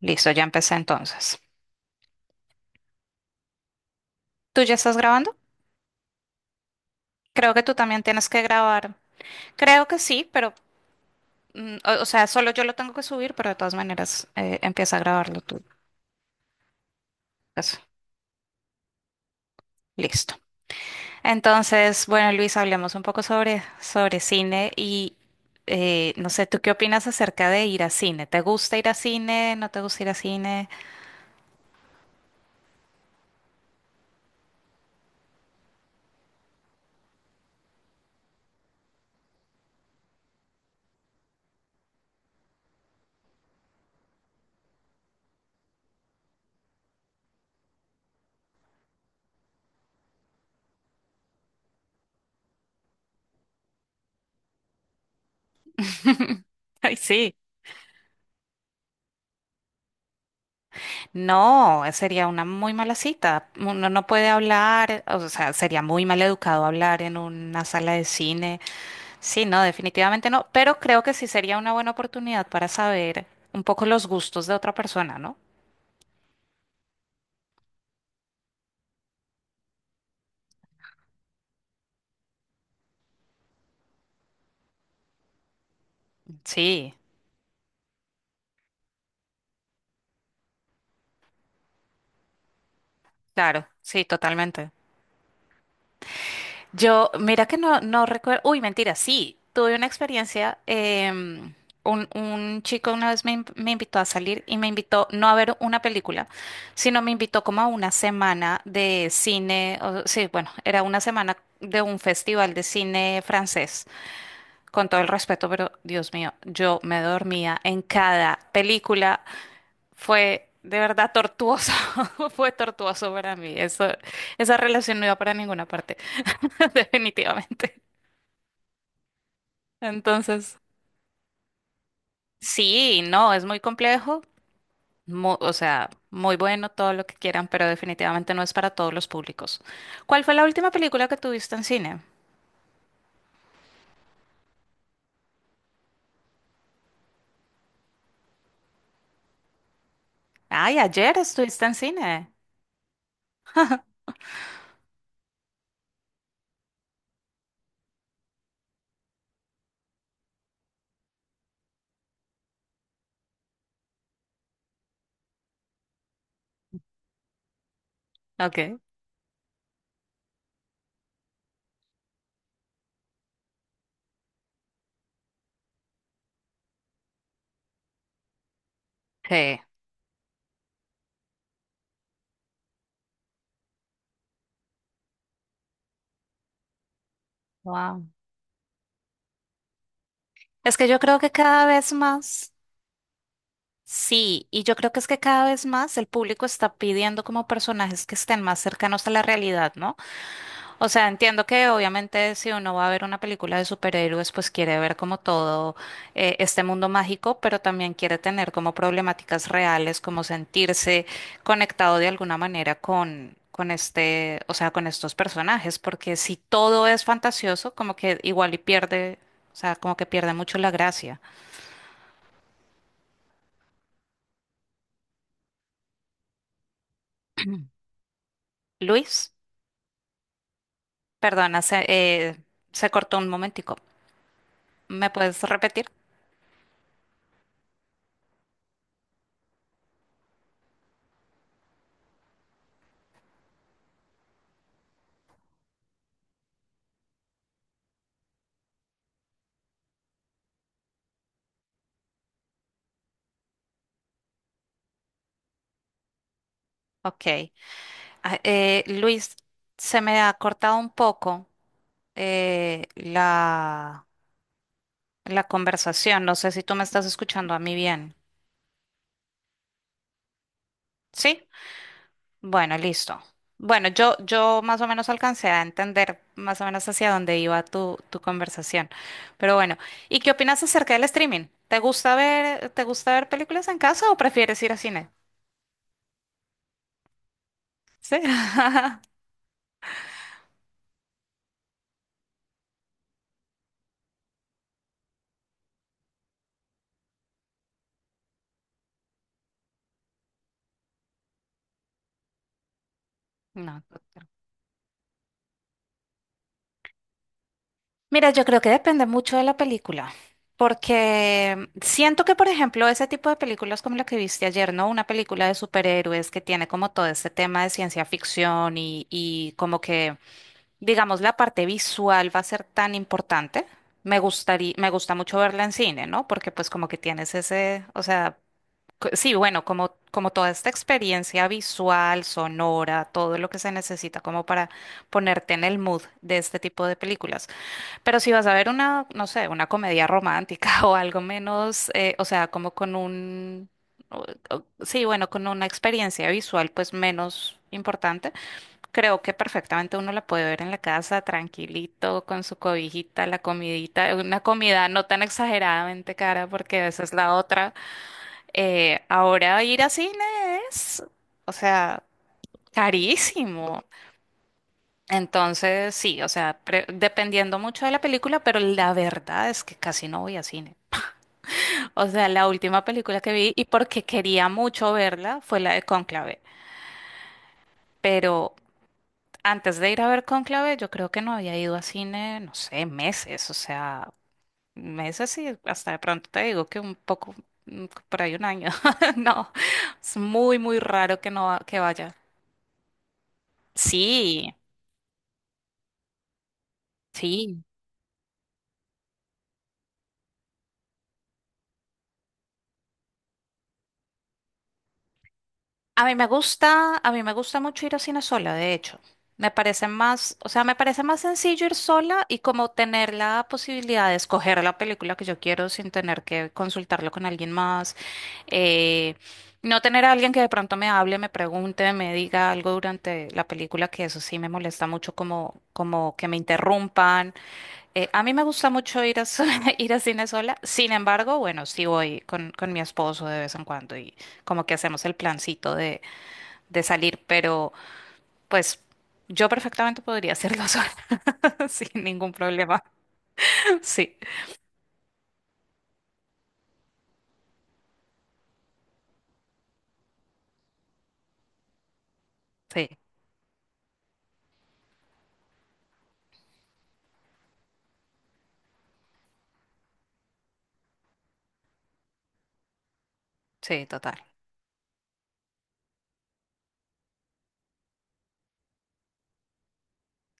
Listo, ya empecé entonces. ¿Tú ya estás grabando? Creo que tú también tienes que grabar. Creo que sí, pero, o sea, solo yo lo tengo que subir, pero de todas maneras empieza a grabarlo tú. Eso, listo. Entonces, bueno, Luis, hablemos un poco sobre cine y no sé, ¿tú qué opinas acerca de ir a cine? ¿Te gusta ir a cine? ¿No te gusta ir a cine? Ay, sí. No, sería una muy mala cita. Uno no puede hablar, o sea, sería muy mal educado hablar en una sala de cine. Sí, no, definitivamente no, pero creo que sí sería una buena oportunidad para saber un poco los gustos de otra persona, ¿no? Sí, claro, sí, totalmente. Yo, mira que no, no recuerdo, uy, mentira, sí, tuve una experiencia, un chico una vez me invitó a salir y me invitó no a ver una película, sino me invitó como a una semana de cine, sí, bueno, era una semana de un festival de cine francés, con todo el respeto, pero Dios mío, yo me dormía en cada película, fue de verdad tortuoso, fue tortuoso para mí, eso, esa relación no iba para ninguna parte, definitivamente. Entonces, sí, no, es muy complejo, o sea, muy bueno todo lo que quieran, pero definitivamente no es para todos los públicos. ¿Cuál fue la última película que tuviste en cine? Ay, ayer estuviste en cine. Ok. Sí. Wow. Es que yo creo que cada vez más, sí, y yo creo que es que cada vez más el público está pidiendo como personajes que estén más cercanos a la realidad, ¿no? O sea, entiendo que obviamente si uno va a ver una película de superhéroes, pues quiere ver como todo este mundo mágico, pero también quiere tener como problemáticas reales, como sentirse conectado de alguna manera con este, o sea, con estos personajes, porque si todo es fantasioso, como que igual y pierde, o sea, como que pierde mucho la gracia. Luis, perdona, se cortó un momentico. ¿Me puedes repetir? Ok. Ah, Luis, se me ha cortado un poco eh, la, la conversación. No sé si tú me estás escuchando a mí bien. ¿Sí? Bueno, listo. Bueno, yo más o menos alcancé a entender más o menos hacia dónde iba tu conversación. Pero bueno, ¿y qué opinas acerca del streaming? ¿Te gusta ver películas en casa o prefieres ir al cine? Sí. No. Ok. Mira, yo creo que depende mucho de la película, porque siento que, por ejemplo, ese tipo de películas como la que viste ayer, ¿no? Una película de superhéroes que tiene como todo ese tema de ciencia ficción y como que, digamos, la parte visual va a ser tan importante. Me gusta mucho verla en cine, ¿no? Porque pues como que tienes ese, o sea, sí, bueno, como toda esta experiencia visual, sonora, todo lo que se necesita como para ponerte en el mood de este tipo de películas. Pero si vas a ver una, no sé, una comedia romántica o algo menos, o sea, como con un, o- sí, bueno, con una experiencia visual pues menos importante, creo que perfectamente uno la puede ver en la casa tranquilito, con su cobijita, la comidita, una comida no tan exageradamente cara porque esa es la otra. Ahora ir a cine es, o sea, carísimo. Entonces, sí, o sea, dependiendo mucho de la película, pero la verdad es que casi no voy a cine. O sea, la última película que vi y porque quería mucho verla fue la de Cónclave. Pero antes de ir a ver Cónclave, yo creo que no había ido a cine, no sé, meses. O sea, meses y hasta de pronto te digo que un poco, por ahí un año. No, es muy, muy raro que no va- que vaya. Sí, sí. A mí me gusta mucho ir a cine sola, de hecho. Me parece más sencillo ir sola y como tener la posibilidad de escoger la película que yo quiero sin tener que consultarlo con alguien más. eh, no tener a alguien que de pronto me hable, me pregunte, me diga algo durante la película, que eso sí me molesta mucho, como que me interrumpan. A mí me gusta mucho ir a cine sola. Sin embargo, bueno, sí voy con mi esposo de vez en cuando y como que hacemos el plancito de salir, pero pues yo perfectamente podría hacerlo sola, sin ningún problema. Sí, sí, sí, total.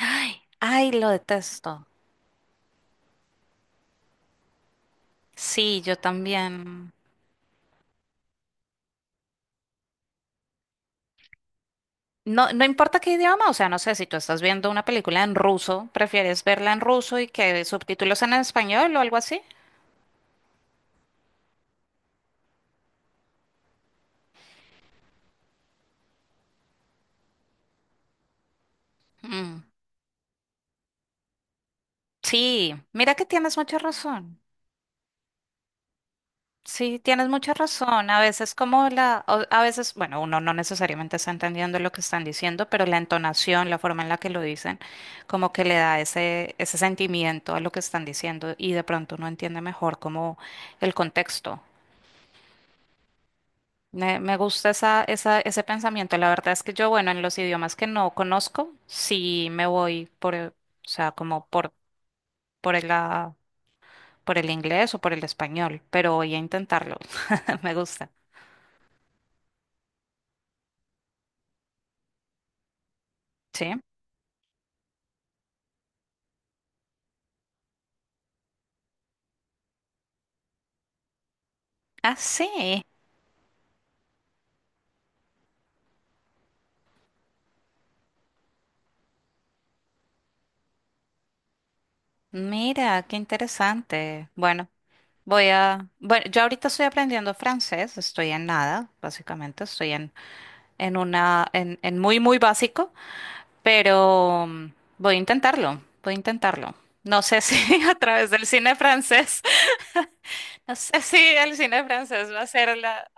Ay, ay, lo detesto. Sí, yo también. No, no importa qué idioma, o sea, no sé, si tú estás viendo una película en ruso, ¿prefieres verla en ruso y que subtítulos en español o algo así? Mm, sí, mira que tienes mucha razón. Sí, tienes mucha razón. A veces como a veces, bueno, uno no necesariamente está entendiendo lo que están diciendo, pero la entonación, la forma en la que lo dicen, como que le da ese sentimiento a lo que están diciendo y de pronto uno entiende mejor como el contexto. Me gusta ese pensamiento. La verdad es que yo, bueno, en los idiomas que no conozco, sí me voy por, o sea, por el, por el inglés o por el español, pero voy a intentarlo. Me gusta. Sí. Ah, sí. Mira, qué interesante. Bueno, voy a... Bueno, yo ahorita estoy aprendiendo francés, estoy en nada, básicamente, estoy en una, en muy, muy básico, pero voy a intentarlo, voy a intentarlo. No sé si a través del cine francés, no sé si el cine francés va a ser la...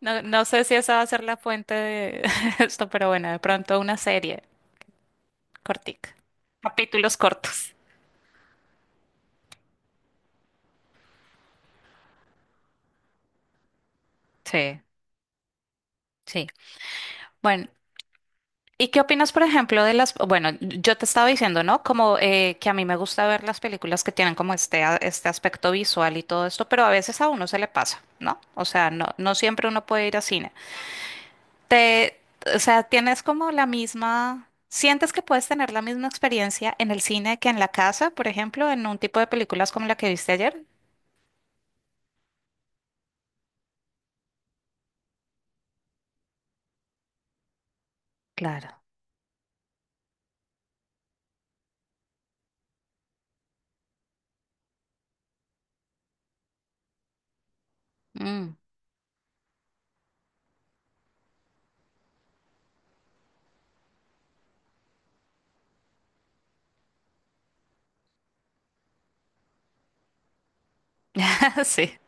No, no sé si esa va a ser la fuente de esto, pero bueno, de pronto una serie cortica, capítulos cortos. Sí, sí. Bueno. ¿Y qué opinas, por ejemplo, de las... Bueno, yo te estaba diciendo, ¿no? Como que a mí me gusta ver las películas que tienen como este aspecto visual y todo esto, pero a veces a uno se le pasa, ¿no? O sea, no, no siempre uno puede ir a cine. Te, o sea, tienes como la misma... ¿Sientes que puedes tener la misma experiencia en el cine que en la casa, por ejemplo, en un tipo de películas como la que viste ayer? Claro. Mm. Sí,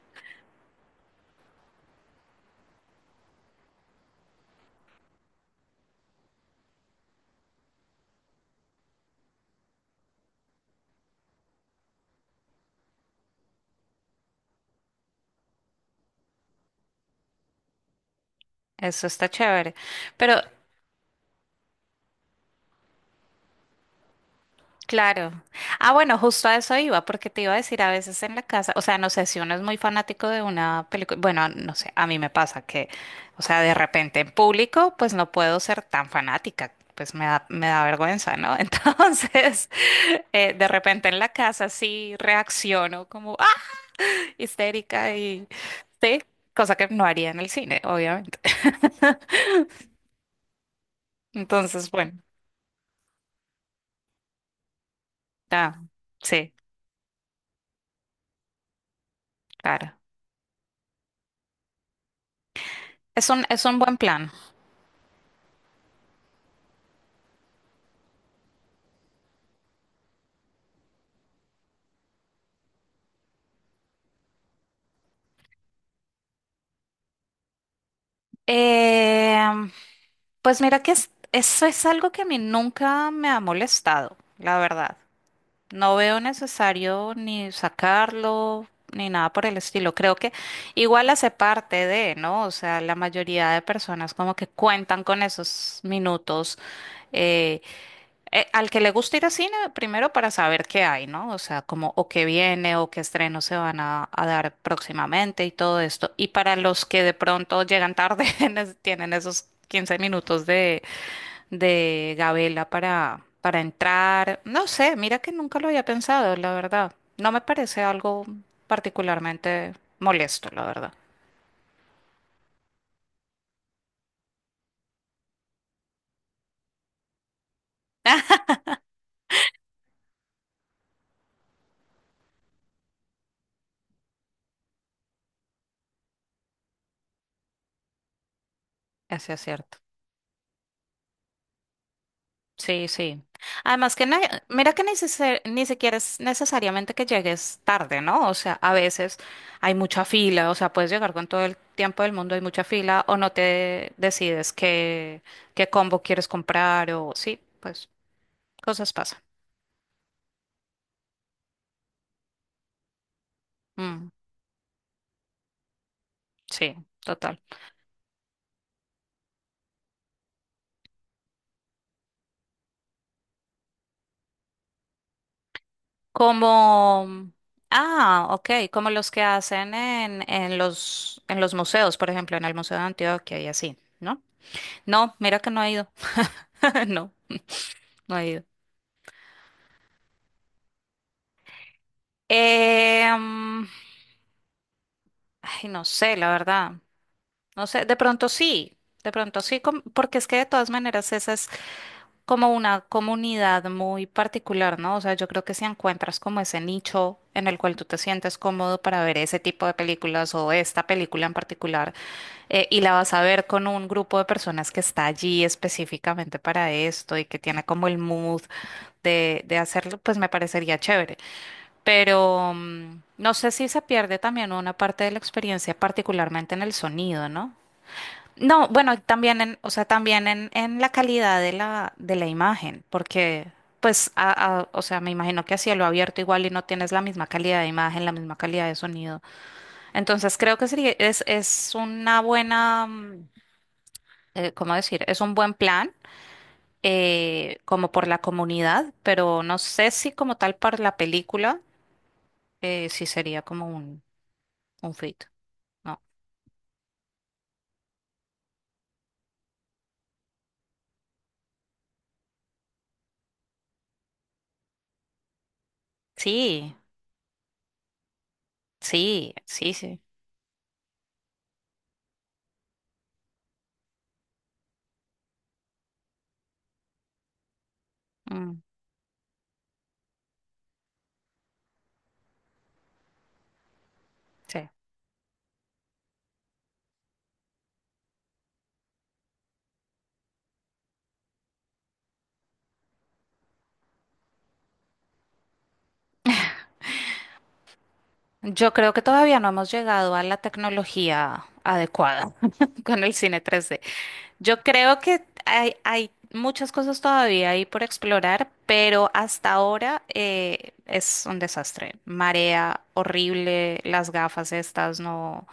eso está chévere. Pero claro. Ah, bueno, justo a eso iba, porque te iba a decir a veces en la casa, o sea, no sé si uno es muy fanático de una película, bueno, no sé, a mí me pasa que, o sea, de repente en público, pues no puedo ser tan fanática, pues me da vergüenza, ¿no? Entonces, de repente en la casa sí reacciono como, ah, histérica y, sí, cosa que no haría en el cine, obviamente. Entonces, bueno, ah, sí, claro. Es un buen plan. Em, pues mira que eso es algo que a mí nunca me ha molestado, la verdad. No veo necesario ni sacarlo ni nada por el estilo. Creo que igual hace parte de, ¿no? O sea, la mayoría de personas como que cuentan con esos minutos. eh, Al que le gusta ir a cine, primero para saber qué hay, ¿no? O sea, como o qué viene o qué estrenos se van a dar próximamente y todo esto. Y para los que de pronto llegan tarde, tienen esos 15 minutos de gabela para entrar. No sé, mira que nunca lo había pensado, la verdad. No me parece algo particularmente molesto, la verdad. Ese es cierto. Sí, sí. Además que, mira que ni siquiera es necesariamente que llegues tarde, ¿no? O sea, a veces hay mucha fila, o sea, puedes llegar con todo el tiempo del mundo, hay mucha fila, o no te decides qué, qué combo quieres comprar, o sí, pues cosas pasan. Mm, sí, total. Como, ah, ok, como los que hacen en los museos, por ejemplo, en el Museo de Antioquia y así, ¿no? No, mira que no he ido, no, no he ido. Eh, mm, ay, no sé, la verdad. No sé, de pronto sí, porque es que de todas maneras esa es como una comunidad muy particular, ¿no? O sea, yo creo que si encuentras como ese nicho en el cual tú te sientes cómodo para ver ese tipo de películas o esta película en particular, y la vas a ver con un grupo de personas que está allí específicamente para esto y que tiene como el mood de hacerlo, pues me parecería chévere pero no sé si se pierde también una parte de la experiencia, particularmente en el sonido, ¿no? No, bueno, y también en, o sea, también en la calidad de la imagen, porque pues, o sea, me imagino que a cielo abierto igual y no tienes la misma calidad de imagen, la misma calidad de sonido. Entonces creo que sería, es una buena, ¿cómo decir? Es un buen plan, como por la comunidad, pero no sé si como tal para la película, sí sería como un frito. No. Sí, sí, sí, sí. Mm, sí. Yo creo que todavía no hemos llegado a la tecnología adecuada con el cine 3D. Yo creo que hay muchas cosas todavía ahí por explorar, pero hasta ahora es un desastre. Marea horrible, las gafas estas no.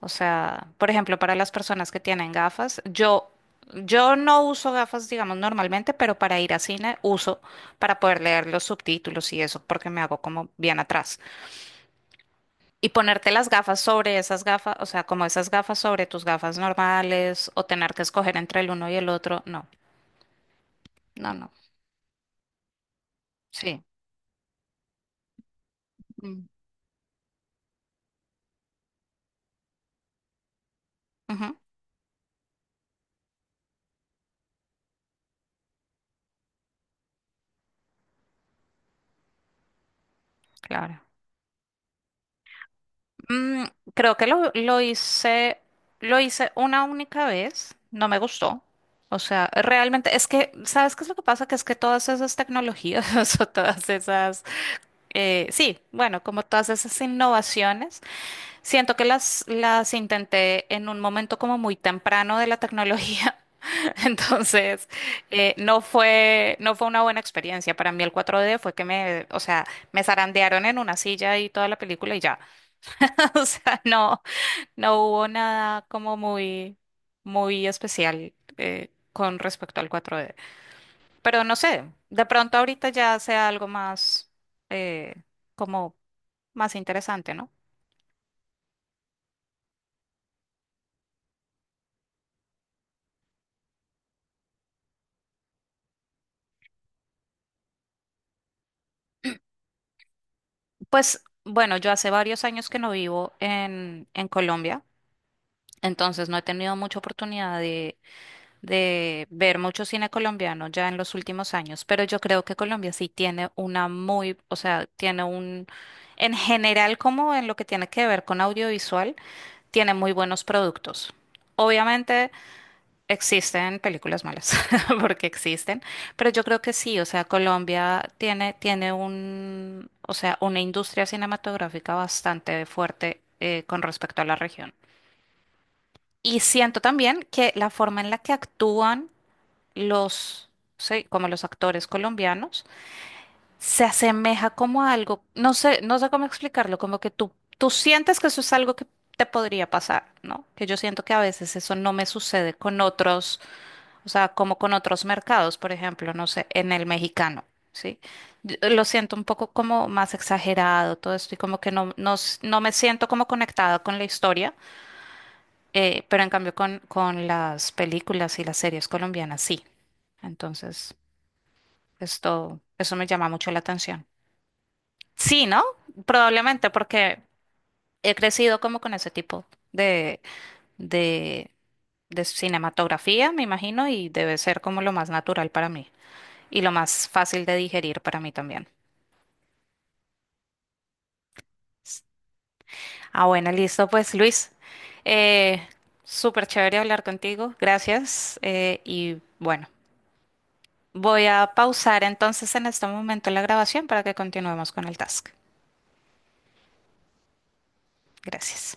O sea, por ejemplo, para las personas que tienen gafas, yo no uso gafas, digamos, normalmente, pero para ir a cine uso para poder leer los subtítulos y eso, porque me hago como bien atrás. Y ponerte las gafas sobre esas gafas, o sea, como esas gafas sobre tus gafas normales, o tener que escoger entre el uno y el otro, no, no, no, sí. Mm. Ujú, claro. Mm, creo que lo hice una única vez, no me gustó. O sea, realmente es que, ¿sabes qué es lo que pasa? Que es que todas esas tecnologías o todas esas, sí, bueno, como todas esas innovaciones, siento que las intenté en un momento como muy temprano de la tecnología. Entonces, no fue una buena experiencia. Para mí el cuatro d fue que me, o sea, me zarandearon en una silla y toda la película y ya. O sea, no. No hubo nada como muy, muy especial con respecto al cuatro d. Pero no sé, de pronto ahorita ya sea algo más, eh, como más interesante, ¿no? Pues bueno, yo hace varios años que no vivo en Colombia, entonces no he tenido mucha oportunidad de ver mucho cine colombiano ya en los últimos años, pero yo creo que Colombia sí tiene una muy, o sea, tiene un, en general como en lo que tiene que ver con audiovisual, tiene muy buenos productos. Obviamente existen películas malas, porque existen, pero yo creo que sí, o sea, Colombia tiene, tiene un, o sea, una industria cinematográfica bastante fuerte con respecto a la región. Y siento también que la forma en la que actúan los, sí, como los actores colombianos, se asemeja como a algo, no sé, no sé cómo explicarlo, como que tú sientes que eso es algo que te podría pasar, ¿no? Que yo siento que a veces eso no me sucede con otros, o sea, como con otros mercados, por ejemplo, no sé, en el mexicano. Sí, yo lo siento un poco como más exagerado todo esto y como que no, no, no me siento como conectada con la historia, pero en cambio con, las películas y las series colombianas sí. Entonces, eso me llama mucho la atención. Sí, ¿no? Probablemente porque he crecido como con ese tipo de, de, de cinematografía, me imagino, y debe ser como lo más natural para mí y lo más fácil de digerir para mí también. Ah, bueno, listo, pues Luis, eh, súper chévere hablar contigo, gracias. Y bueno, voy a pausar entonces en este momento la grabación para que continuemos con el task. Gracias.